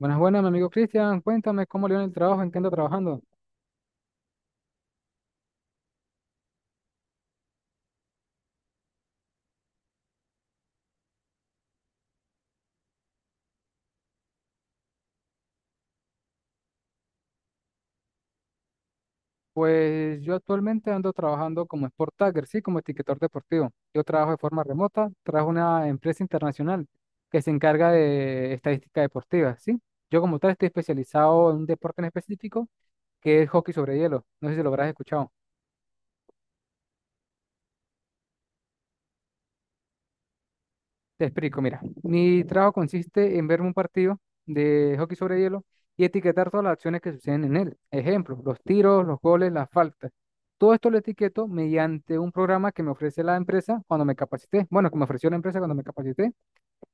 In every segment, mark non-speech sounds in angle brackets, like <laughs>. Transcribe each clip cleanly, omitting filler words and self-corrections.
Buenas, buenas, mi amigo Cristian. Cuéntame cómo le va en el trabajo, en qué anda trabajando. Pues yo actualmente ando trabajando como Sport Tagger, sí, como etiquetador deportivo. Yo trabajo de forma remota, trabajo en una empresa internacional que se encarga de estadística deportiva, sí. Yo como tal estoy especializado en un deporte en específico que es hockey sobre hielo. No sé si lo habrás escuchado. Te explico, mira, mi trabajo consiste en verme un partido de hockey sobre hielo y etiquetar todas las acciones que suceden en él. Ejemplo, los tiros, los goles, las faltas. Todo esto lo etiqueto mediante un programa que me ofrece la empresa cuando me capacité. Bueno, que me ofreció la empresa cuando me capacité.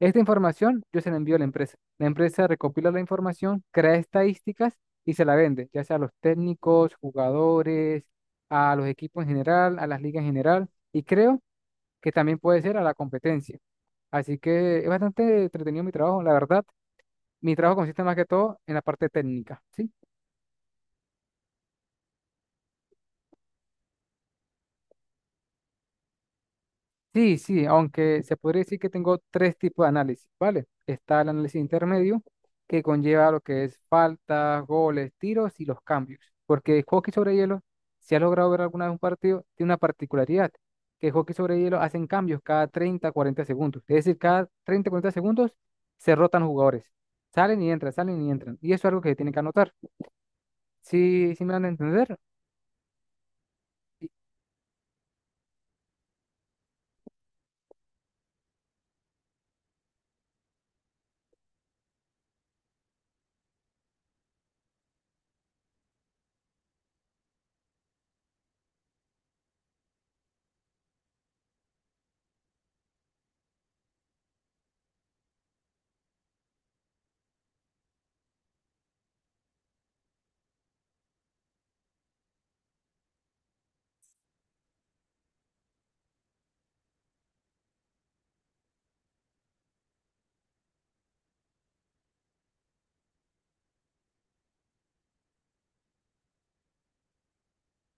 Esta información yo se la envío a la empresa. La empresa recopila la información, crea estadísticas y se la vende, ya sea a los técnicos, jugadores, a los equipos en general, a las ligas en general y creo que también puede ser a la competencia. Así que es bastante entretenido mi trabajo, la verdad. Mi trabajo consiste más que todo en la parte técnica, ¿sí? Sí, sí, aunque se podría decir que tengo tres tipos de análisis, ¿vale? Está el análisis intermedio, que conlleva lo que es faltas, goles, tiros y los cambios. Porque el hockey sobre hielo, si has logrado ver alguna vez un partido, tiene una particularidad, que el hockey sobre hielo hacen cambios cada 30 40 segundos. Es decir, cada 30 40 segundos se rotan los jugadores. Salen y entran, salen y entran. Y eso es algo que tienen que anotar. Sí, sí me van a entender.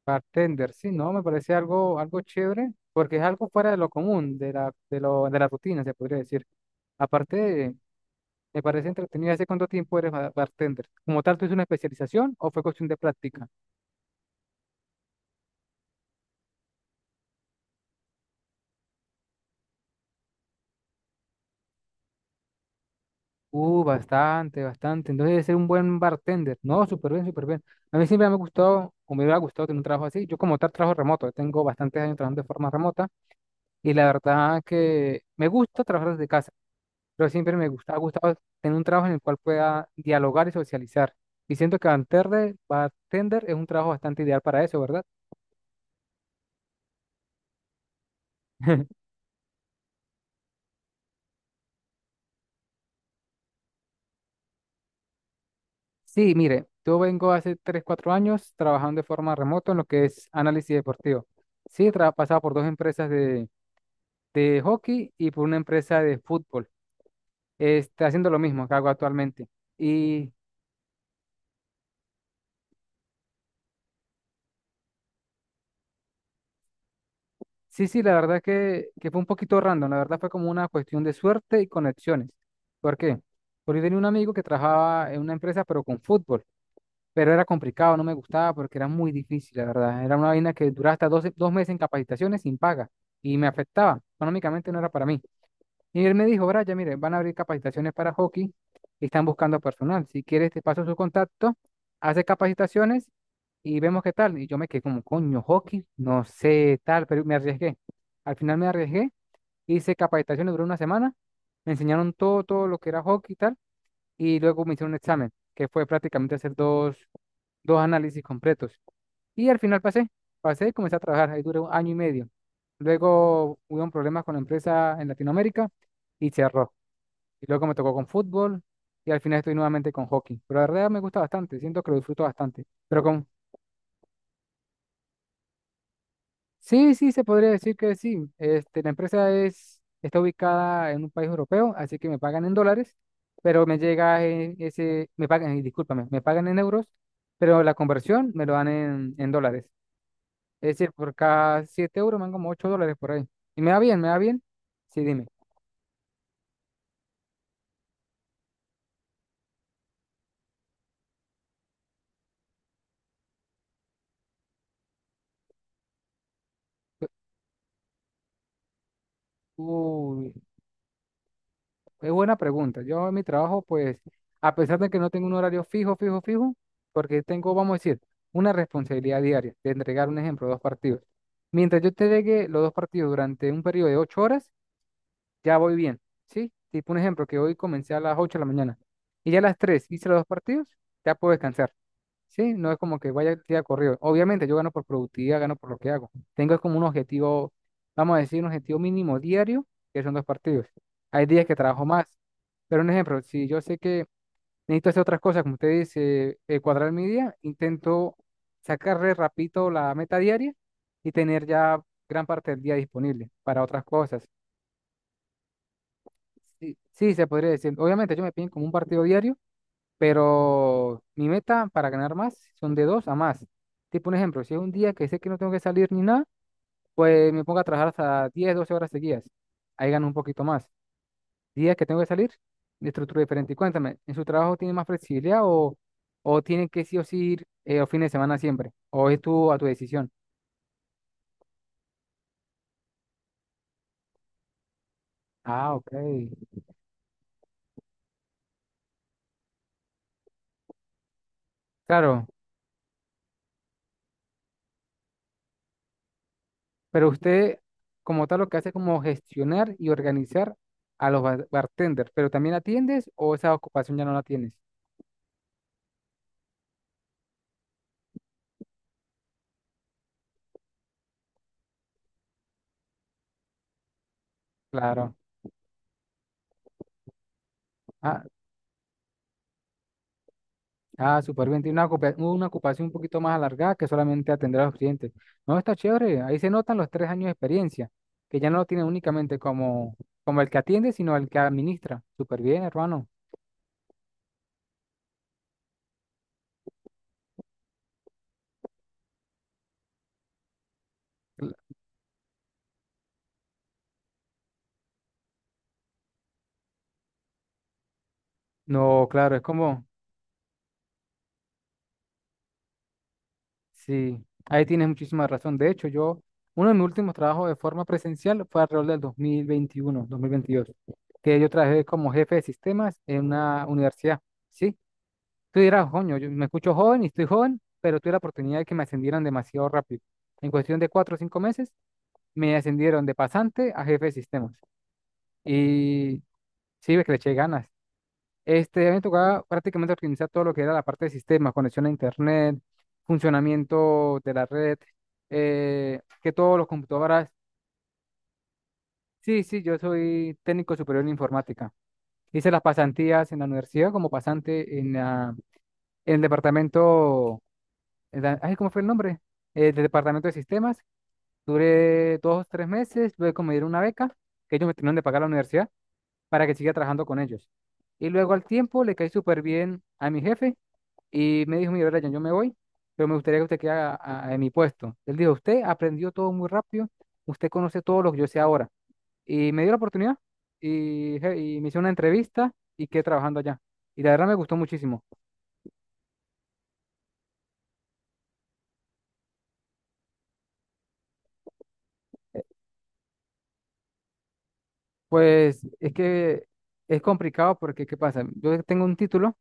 Bartender, sí, no, me parece algo, algo chévere, porque es algo fuera de lo común, de la rutina, se podría decir. Aparte, me parece entretenido. ¿Hace cuánto tiempo eres bartender? ¿Como tal, tuviste una especialización o fue cuestión de práctica? Bastante, bastante. Entonces, debe ser un buen bartender. No, súper bien, súper bien. A mí siempre me ha gustado, o me hubiera gustado tener un trabajo así. Yo, como tal, trabajo remoto. Tengo bastantes años trabajando de forma remota y la verdad que me gusta trabajar desde casa. Pero siempre me gusta, ha gustado tener un trabajo en el cual pueda dialogar y socializar. Y siento que bartender, bartender es un trabajo bastante ideal para eso, ¿verdad? <laughs> Sí, mire, yo vengo hace 3 4 años trabajando de forma remota en lo que es análisis deportivo. Sí, pasado por dos empresas de hockey y por una empresa de fútbol. Este, haciendo lo mismo que hago actualmente. Y Sí, sí, la verdad que fue un poquito random, la verdad fue como una cuestión de suerte y conexiones. ¿Por qué? Porque yo tenía un amigo que trabajaba en una empresa, pero con fútbol, pero era complicado, no me gustaba porque era muy difícil, la verdad. Era una vaina que duraba hasta 12 dos meses en capacitaciones sin paga y me afectaba, económicamente no era para mí. Y él me dijo, Brian, mire, van a abrir capacitaciones para hockey y están buscando personal. Si quieres, te paso su contacto, hace capacitaciones y vemos qué tal. Y yo me quedé como, coño, hockey, no sé tal, pero me arriesgué. Al final me arriesgué, hice capacitaciones, duró una semana, me enseñaron todo, todo lo que era hockey y tal y luego me hicieron un examen, que fue prácticamente hacer dos análisis completos. Y al final pasé, pasé y comencé a trabajar, ahí duré un año y medio. Luego hubo un problema con la empresa en Latinoamérica y cerró. Y luego me tocó con fútbol y al final estoy nuevamente con hockey. Pero la verdad me gusta bastante, siento que lo disfruto bastante. Pero con Sí, sí, se podría decir que sí. Este, la empresa está ubicada en un país europeo, así que me pagan en dólares, pero me llega en ese, me pagan, discúlpame, me pagan en euros, pero la conversión me lo dan en dólares. Es decir, por cada 7 euros me dan como 8 dólares por ahí. Y me va bien, me va bien. Sí, dime. Uy, es buena pregunta. Yo en mi trabajo, pues, a pesar de que no tengo un horario fijo, porque tengo, vamos a decir, una responsabilidad diaria de entregar un ejemplo, dos partidos. Mientras yo entregue los dos partidos durante un periodo de 8 horas, ya voy bien, ¿sí? Tipo un ejemplo, que hoy comencé a las ocho de la mañana y ya a las tres hice los dos partidos, ya puedo descansar. Sí, no es como que vaya día corrido. Obviamente yo gano por productividad, gano por lo que hago. Tengo como un objetivo, vamos a decir, un objetivo mínimo diario, que son dos partidos. Hay días que trabajo más. Pero un ejemplo, si yo sé que necesito hacer otras cosas, como usted dice, cuadrar mi día, intento sacarle rapidito la meta diaria y tener ya gran parte del día disponible para otras cosas. Sí, sí, se podría decir. Obviamente yo me piden como un partido diario pero mi meta para ganar más son de dos a más. Tipo un ejemplo, si es un día que sé que no tengo que salir ni nada, pues me pongo a trabajar hasta 10 12 horas seguidas. Ahí gano un poquito más. Días que tengo que salir, de estructura diferente. Y cuéntame, ¿en su trabajo tiene más flexibilidad o tienen que sí o sí ir los fines de semana siempre? ¿O es tú a tu decisión? Ah, ok. Claro, pero usted como tal lo que hace es como gestionar y organizar a los bartenders, pero también atiendes o esa ocupación ya no la tienes. Claro. Ah, ah, súper bien. Tiene una, una ocupación un poquito más alargada que solamente atender a los clientes. No, está chévere. Ahí se notan los tres años de experiencia, que ya no lo tiene únicamente como, como el que atiende, sino el que administra. Súper bien, hermano. Cl- No, claro, es como, sí, ahí tienes muchísima razón. De hecho, yo, uno de mis últimos trabajos de forma presencial fue alrededor del 2021, 2022, que yo trabajé como jefe de sistemas en una universidad, ¿sí? Tú dirás, coño, yo me escucho joven y estoy joven, pero tuve la oportunidad de que me ascendieran demasiado rápido. En cuestión de cuatro o cinco meses, me ascendieron de pasante a jefe de sistemas. Y sí, ves que le eché ganas. Este, a mí me tocaba prácticamente organizar todo lo que era la parte de sistemas, conexión a internet, funcionamiento de la red, que todos los computadoras. Sí, sí, yo soy técnico superior en informática. Hice las pasantías en la universidad como pasante en el departamento ay, ¿cómo fue el nombre? Del Departamento de Sistemas. Duré 2 3 meses, luego me dieron una beca que ellos me tenían de pagar a la universidad para que siga trabajando con ellos. Y luego al tiempo le caí súper bien a mi jefe y me dijo, mira, Brian, yo me voy, pero me gustaría que usted quede en mi puesto. Él dijo, usted aprendió todo muy rápido, usted conoce todo lo que yo sé ahora. Y me dio la oportunidad y me hizo una entrevista y quedé trabajando allá. Y la verdad me gustó muchísimo. Pues es que es complicado porque, ¿qué pasa? Yo tengo un título,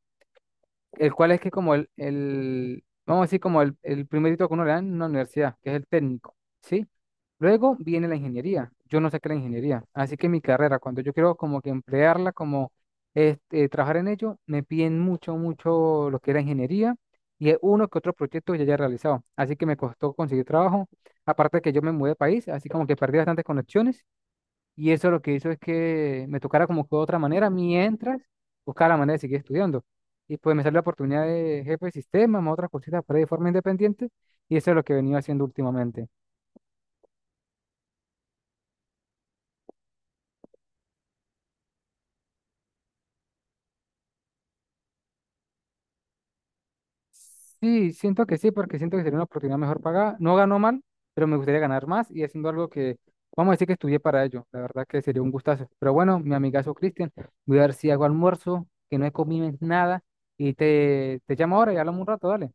el cual es que como el vamos a decir, como el primer título que uno le dan en una universidad, que es el técnico, ¿sí? Luego viene la ingeniería. Yo no saqué la ingeniería, así que mi carrera, cuando yo quiero como que emplearla, como este, trabajar en ello, me piden mucho, mucho lo que era ingeniería y es uno que otro proyecto que ya haya realizado. Así que me costó conseguir trabajo. Aparte de que yo me mudé de país, así como que perdí bastantes conexiones y eso lo que hizo es que me tocara como que de otra manera, mientras buscaba la manera de seguir estudiando. Y pues me salió la oportunidad de jefe de sistema, más otras cositas por ahí de forma independiente, y eso es lo que he venido haciendo últimamente. Sí, siento que sí, porque siento que sería una oportunidad mejor pagada. No ganó mal, pero me gustaría ganar más y haciendo algo que, vamos a decir que estudié para ello. La verdad que sería un gustazo. Pero bueno, mi amigazo Cristian, voy a ver si hago almuerzo, que no he comido nada, y te llamo ahora y hablamos un rato, dale.